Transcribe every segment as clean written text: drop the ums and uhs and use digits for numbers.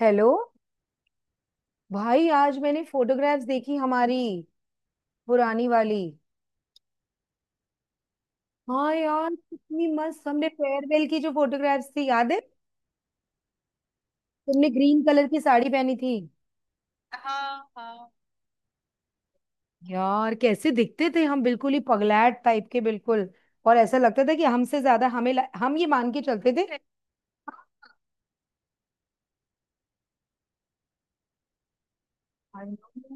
Hello. भाई आज मैंने फोटोग्राफ्स देखी हमारी पुरानी वाली। हाँ यार, कितनी मस्त हमने फेयरवेल की, जो फोटोग्राफ्स थी याद है। तुमने ग्रीन कलर की साड़ी पहनी थी। हाँ हाँ। यार, कैसे दिखते थे हम, बिल्कुल ही पगलैट टाइप के, बिल्कुल। और ऐसा लगता था कि हमसे ज्यादा हमें हम ये मान के चलते थे।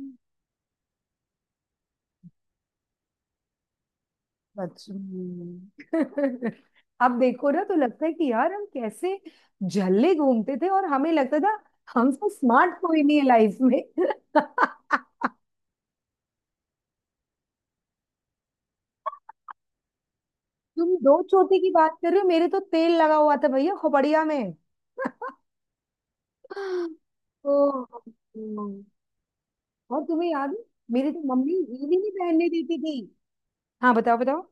सच में। अब देखो ना, तो लगता है कि यार हम कैसे झल्ले घूमते थे, और हमें लगता था हमसे स्मार्ट कोई नहीं है लाइफ में। तुम दो छोटे की बात कर रहे हो, मेरे तो तेल लगा हुआ था भैया खोपड़िया में। ओ। और तुम्हें याद है, मेरी तो मम्मी ये भी नहीं पहनने देती थी। हाँ, बताओ बताओ।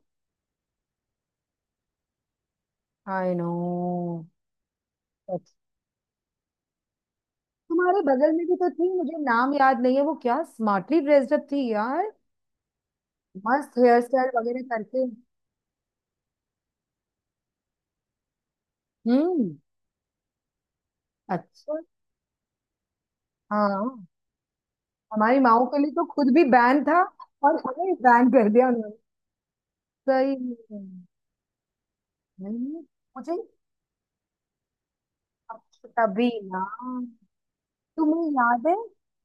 I know. तुम्हारे बगल में भी तो थी, मुझे नाम याद नहीं है, वो क्या स्मार्टली ड्रेस्ड अप थी, मस्त हेयर स्टाइल वगैरह करके। हम्म। अच्छा। हाँ। हमारी माओ के लिए तो खुद भी बैन था, और हमें बैन कर दिया उन्होंने। सही में। नहीं, मुझे तभी ना। तुम्हें याद है,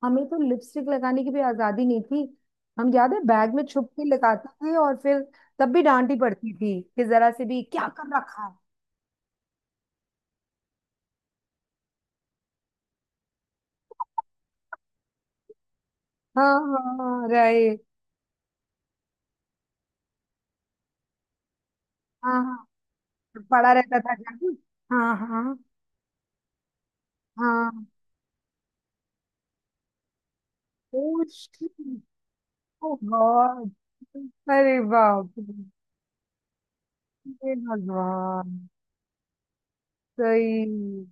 हमें तो लिपस्टिक लगाने की भी आजादी नहीं थी। हम, याद है, बैग में छुप के लगाते थे, और फिर तब भी डांटी पड़ती थी कि जरा से भी क्या कर रखा है। हाँ। हाँ रहे। हाँ हाँ, पड़ा रहता था जादू। हाँ हाँ हाँ। Oh, shit। Oh God. अरे बाप रे। हे भगवान। सही।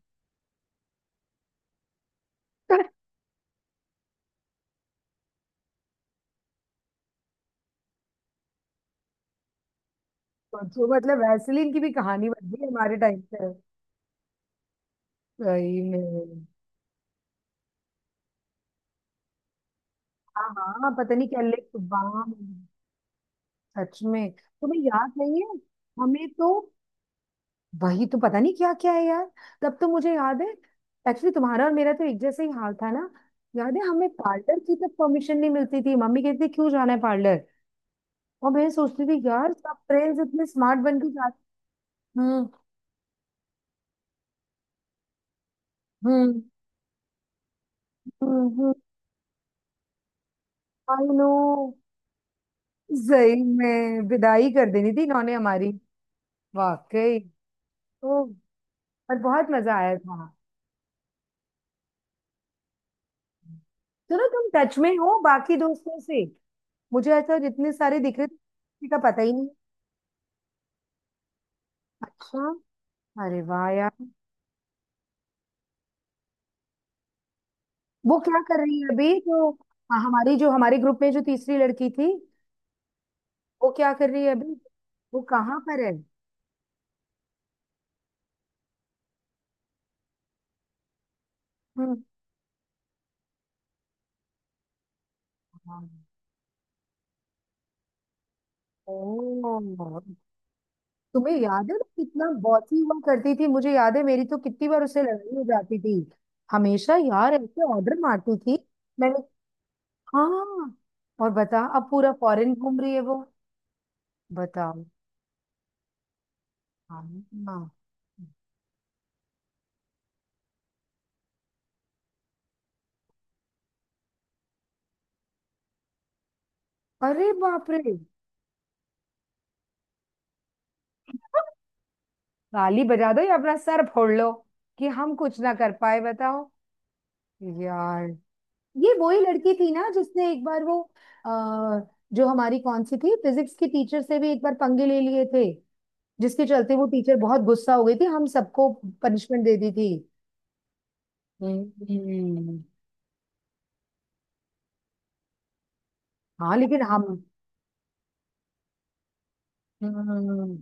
सोचो, मतलब वैसलीन की भी कहानी बन गई हमारे टाइम पे। सही में। हाँ हाँ, पता नहीं क्या लिख बाम। सच में तुम्हें याद नहीं है। हमें तो वही तो पता नहीं क्या क्या है यार। तब तो मुझे याद है, एक्चुअली तुम्हारा और मेरा तो एक जैसे ही हाल था ना। याद है, हमें पार्लर की तक परमिशन नहीं मिलती थी, मम्मी कहती थी क्यों जाना है पार्लर। और मैं सोचती थी यार, सब फ्रेंड्स इतने स्मार्ट बन के जा। Hmm. Hmm. Hmm. I know. सही में विदाई कर देनी थी इन्होंने हमारी। वाकई। तो पर बहुत मजा आया था। चलो, तुम टच में हो बाकी दोस्तों से। मुझे ऐसा जितने सारे दिख रहे थे, किसी का पता ही नहीं। अच्छा। अरे वाह यार। वो क्या कर रही है अभी तो। हाँ, हमारी जो हमारे ग्रुप में जो तीसरी लड़की थी, वो क्या कर रही है अभी, वो कहाँ पर है। हम्म। हाँ। ओह। तुम्हें याद है, मैं कितना बॉसी हुआ करती थी, मुझे याद है मेरी तो कितनी बार उससे लड़ाई हो जाती थी, हमेशा यार ऐसे ऑर्डर मारती थी। मैंने, हाँ। और बता, अब पूरा फॉरेन घूम रही है वो, बताओ। हाँ। हाँ। अरे बाप रे। ताली बजा दो या अपना सर फोड़ लो, कि हम कुछ ना कर पाए, बताओ यार। ये वही लड़की थी ना, जिसने एक बार वो आ, जो हमारी कौन सी थी फिजिक्स की टीचर से भी एक बार पंगे ले लिए थे, जिसके चलते वो टीचर बहुत गुस्सा हो गई थी, हम सबको पनिशमेंट दे दी थी। हम्म। हाँ लेकिन हम। हम्म।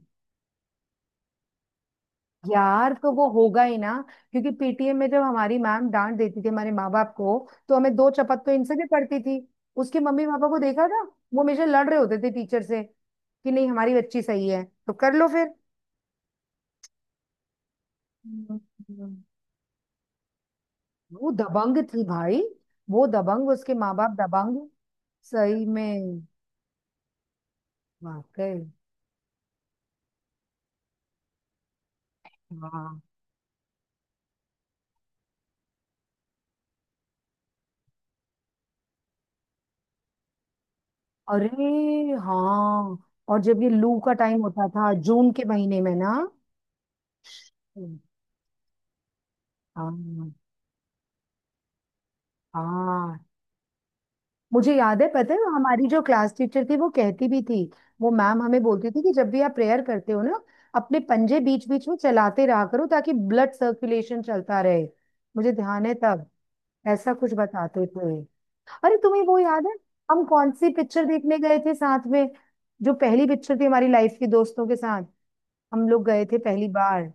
यार तो वो होगा ही ना, क्योंकि पीटीएम में जब हमारी मैम डांट देती थी हमारे माँ बाप को, तो हमें दो चपत तो इनसे भी पड़ती थी। उसके मम्मी पापा को देखा था, वो हमेशा लड़ रहे होते थे टीचर से कि नहीं हमारी बच्ची सही है, तो कर लो फिर। हम्म। हम्म। वो दबंग थी भाई। वो दबंग, उसके माँ बाप दबंग। सही में। वाकई। हाँ। अरे हाँ। और जब ये लू का टाइम होता था जून के महीने में ना। हम्म। हाँ हाँ, मुझे याद है, पता है हमारी जो क्लास टीचर थी वो कहती भी थी, वो मैम हमें बोलती थी कि जब भी आप प्रेयर करते हो ना, अपने पंजे बीच बीच में चलाते रहा करो ताकि ब्लड सर्कुलेशन चलता रहे। मुझे ध्यान है, तब ऐसा कुछ बताते थे। अरे, तुम्हें वो याद है, हम कौन सी पिक्चर देखने गए थे साथ में, जो पहली पिक्चर थी हमारी लाइफ की, दोस्तों के साथ हम लोग गए थे पहली बार।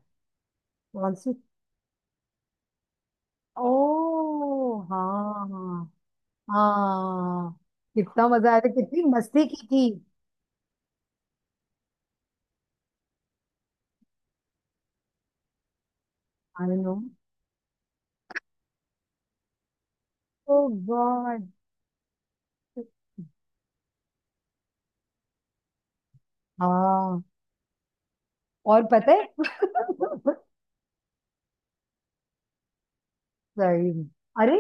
कौन सी। ओ हाँ हाँ हाँ। कितना मजा आया था, कितनी मस्ती की थी। I know. Oh God. हाँ, और पता है। सही में। अरे,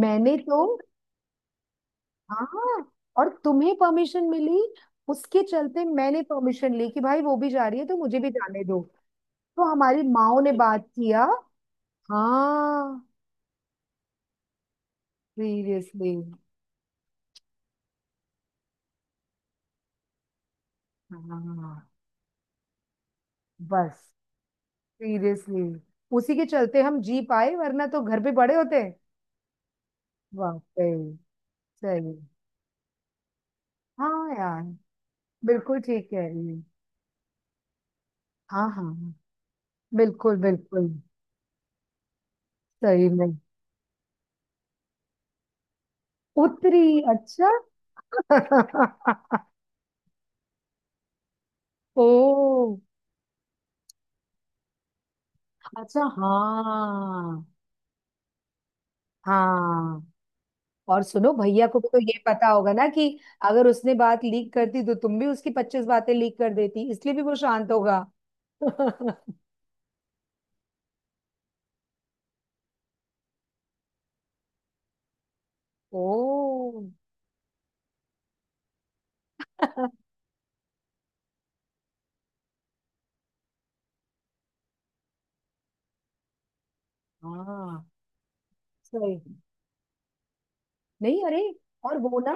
मैंने तो, हाँ। और तुम्हें परमिशन मिली, उसके चलते मैंने परमिशन ली कि भाई वो भी जा रही है तो मुझे भी जाने दो। तो हमारी माओ ने बात किया। हाँ। सीरियसली। हाँ बस। सीरियसली, उसी के चलते हम जी पाए, वरना तो घर पे पड़े होते। वाकई। सही। हाँ यार, बिल्कुल ठीक कह रही है। हाँ हाँ हाँ, बिल्कुल बिल्कुल। सही में। उत्तरी। अच्छा। ओ। अच्छा हाँ। हाँ, और सुनो, भैया को भी तो ये पता होगा ना कि अगर उसने बात लीक करती, तो तुम भी उसकी पच्चीस बातें लीक कर देती, इसलिए भी वो शांत होगा। ओ। हाँ, सही। नहीं, अरे, और वो ना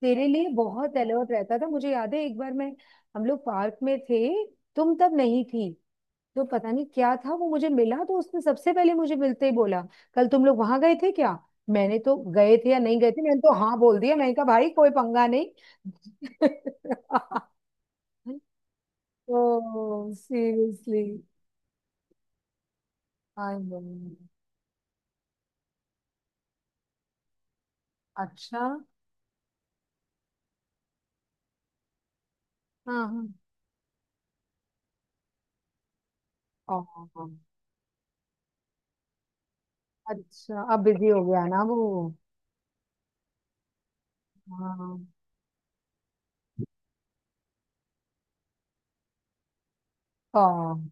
तेरे लिए बहुत अलर्ट रहता था, मुझे याद है एक बार मैं, हम लोग पार्क में थे, तुम तब नहीं थी, तो पता नहीं क्या था, वो मुझे मिला तो उसने सबसे पहले मुझे मिलते ही बोला, कल तुम लोग वहां गए थे क्या। मैंने तो गए थे या नहीं गए थे, मैंने तो हाँ बोल दिया, मैंने कहा भाई कोई पंगा नहीं। ओ सीरियसली। I know. अच्छा हाँ हाँ। ओ, अच्छा, अब बिजी हो गया ना वो। हाँ हाँ।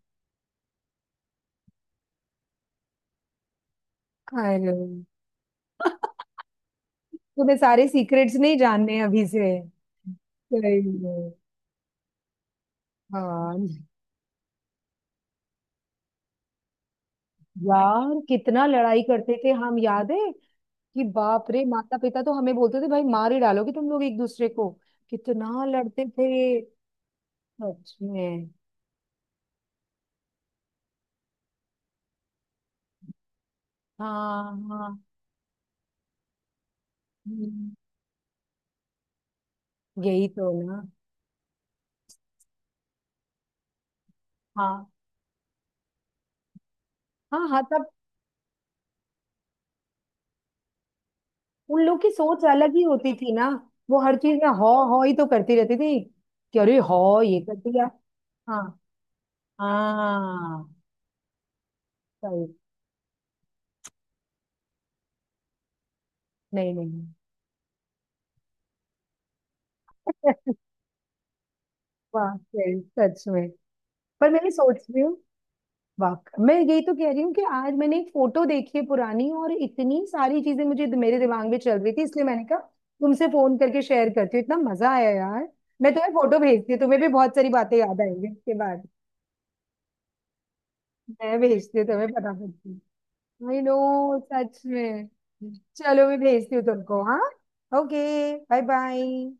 अरे, तुम्हें सारे सीक्रेट्स नहीं जानने अभी से। सही में। हाँ यार, कितना लड़ाई करते थे हम, याद है कि बाप रे, माता पिता तो हमें बोलते थे भाई मार ही डालोगे तुम लोग एक दूसरे को, कितना लड़ते थे। सच में। हाँ हाँ। हम्म, यही तो ना। हाँ हाँ हाँ, तब उन लोग की सोच अलग ही होती थी ना। वो हर चीज में हौ हौ ही तो करती रहती थी, कि अरे हौ ये कर दिया। हाँ। हाँ, सही। नहीं नहीं। वाह, सही, सच में। पर मैंने सोच रही हूँ। वाह। मैं यही तो कह रही हूँ कि आज मैंने एक फोटो देखी है पुरानी, और इतनी सारी चीजें मुझे मेरे दिमाग में चल रही थी, इसलिए मैंने कहा तुमसे फोन करके शेयर करती हूँ, इतना मजा आया यार। मैं तुम्हें फोटो भेजती हूँ, तुम्हें भी बहुत सारी बातें याद आएंगी इसके बाद। मैं भेजती हूँ, तुम्हें पता पड़ती। I know. सच में। चलो, मैं भेजती हूँ तुमको, हाँ। Okay, bye bye.